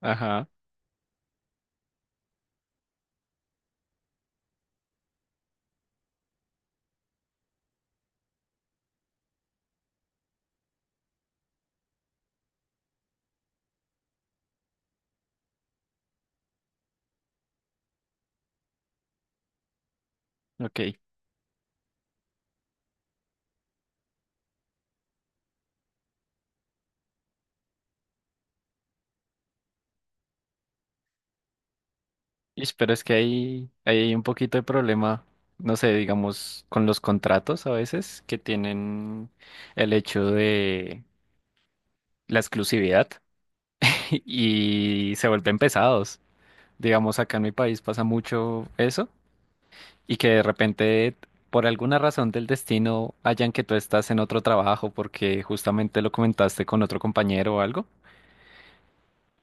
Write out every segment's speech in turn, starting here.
Ajá, ok. Ish, pero es que hay un poquito de problema, no sé, digamos, con los contratos a veces que tienen el hecho de la exclusividad y se vuelven pesados. Digamos, acá en mi país pasa mucho eso y que de repente, por alguna razón del destino, hayan que tú estás en otro trabajo porque justamente lo comentaste con otro compañero o algo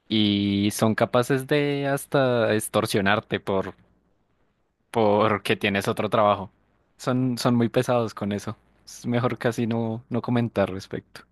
y son capaces de hasta extorsionarte por porque tienes otro trabajo. Son muy pesados con eso. Es mejor casi no comentar respecto.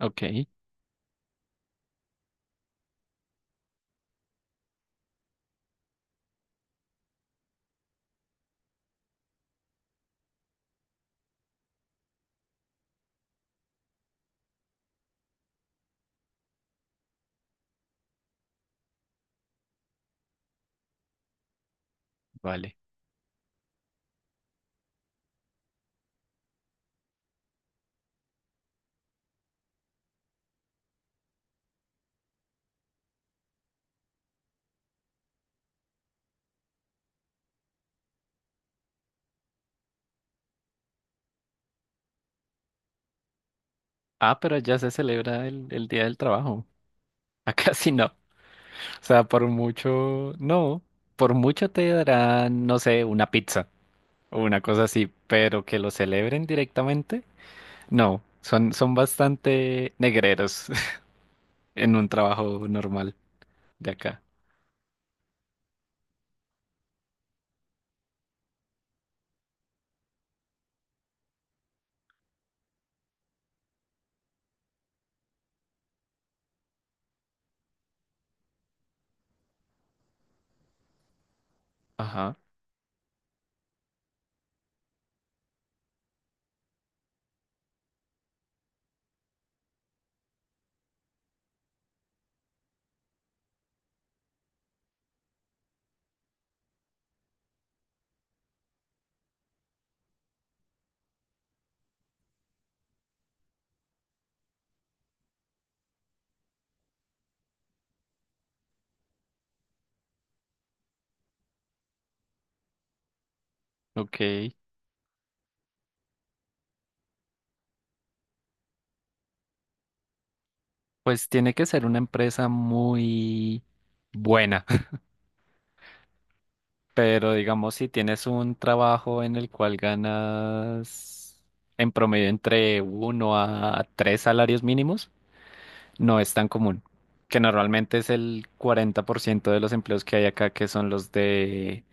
Ok, vale. Ah, pero ya se celebra el Día del Trabajo. Acá sí no. O sea, por mucho, no. Por mucho te darán, no sé, una pizza o una cosa así, pero que lo celebren directamente, no. Son bastante negreros en un trabajo normal de acá. Ajá, ok. Pues tiene que ser una empresa muy buena, pero digamos si tienes un trabajo en el cual ganas en promedio entre uno a tres salarios mínimos, no es tan común, que normalmente es el 40% de los empleos que hay acá, que son los de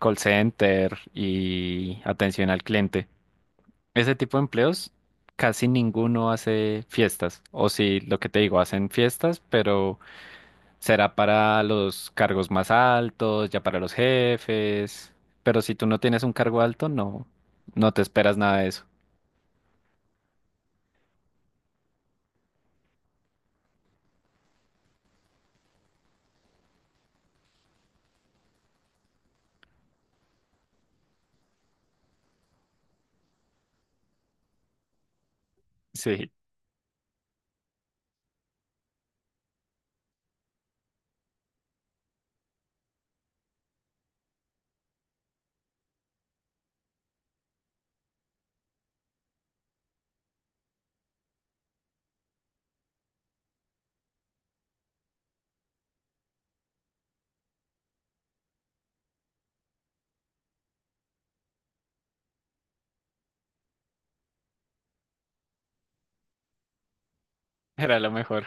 call center y atención al cliente. Ese tipo de empleos, casi ninguno hace fiestas, o si lo que te digo, hacen fiestas, pero será para los cargos más altos, ya para los jefes. Pero si tú no tienes un cargo alto, no, no te esperas nada de eso. Sí, era lo mejor.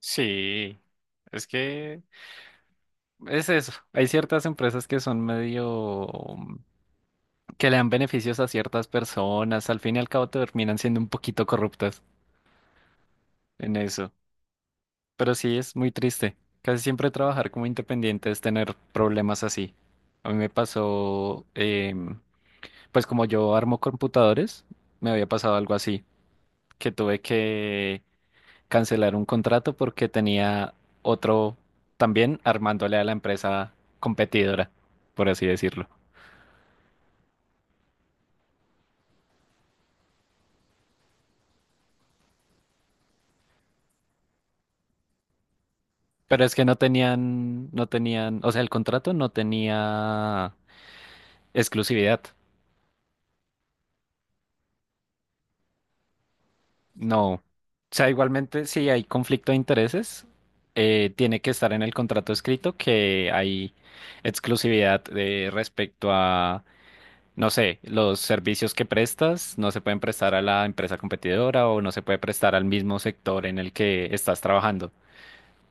Sí, es que es eso. Hay ciertas empresas que son medio, mm, que le dan beneficios a ciertas personas. Al fin y al cabo terminan siendo un poquito corruptas en eso. Pero sí es muy triste. Casi siempre trabajar como independiente es tener problemas así. A mí me pasó, pues como yo armo computadores, me había pasado algo así, que tuve que cancelar un contrato porque tenía otro también armándole a la empresa competidora, por así decirlo. Pero es que no tenían, o sea, el contrato no tenía exclusividad. No. O sea, igualmente si hay conflicto de intereses, tiene que estar en el contrato escrito que hay exclusividad, respecto. No sé, los servicios que prestas no se pueden prestar a la empresa competidora o no se puede prestar al mismo sector en el que estás trabajando,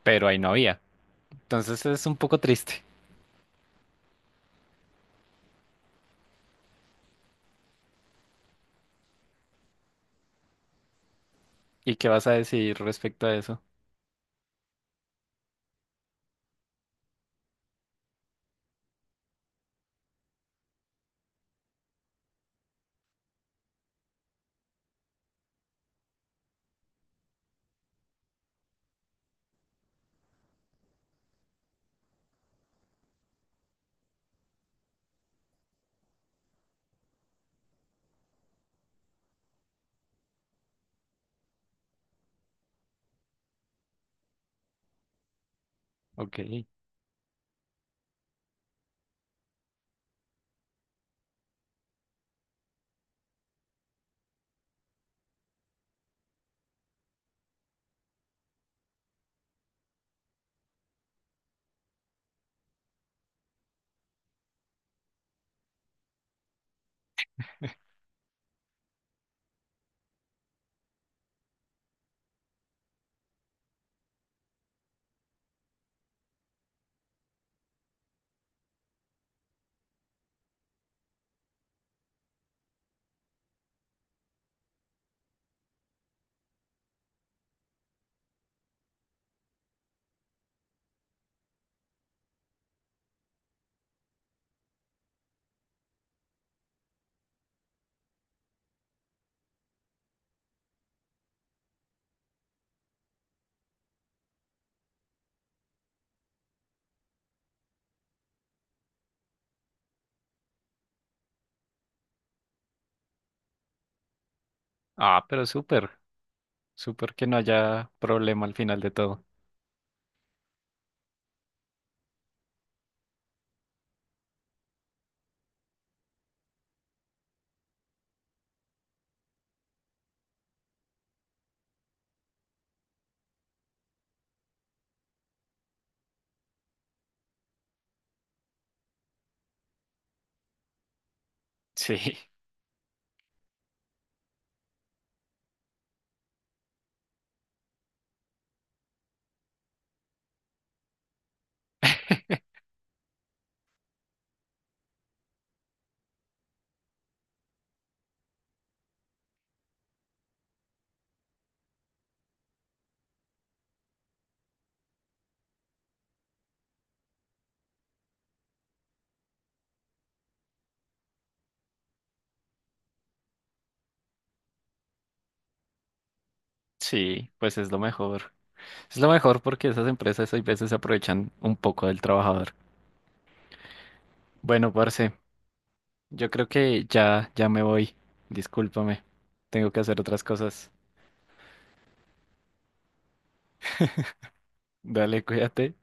pero ahí no había. Entonces es un poco triste. ¿Y qué vas a decir respecto a eso? Ok. Ah, pero súper, súper que no haya problema al final de todo. Sí, sí, pues es lo mejor. Es lo mejor porque esas empresas a veces se aprovechan un poco del trabajador. Bueno, parce, yo creo que ya, ya me voy. Discúlpame, tengo que hacer otras cosas. Dale, cuídate.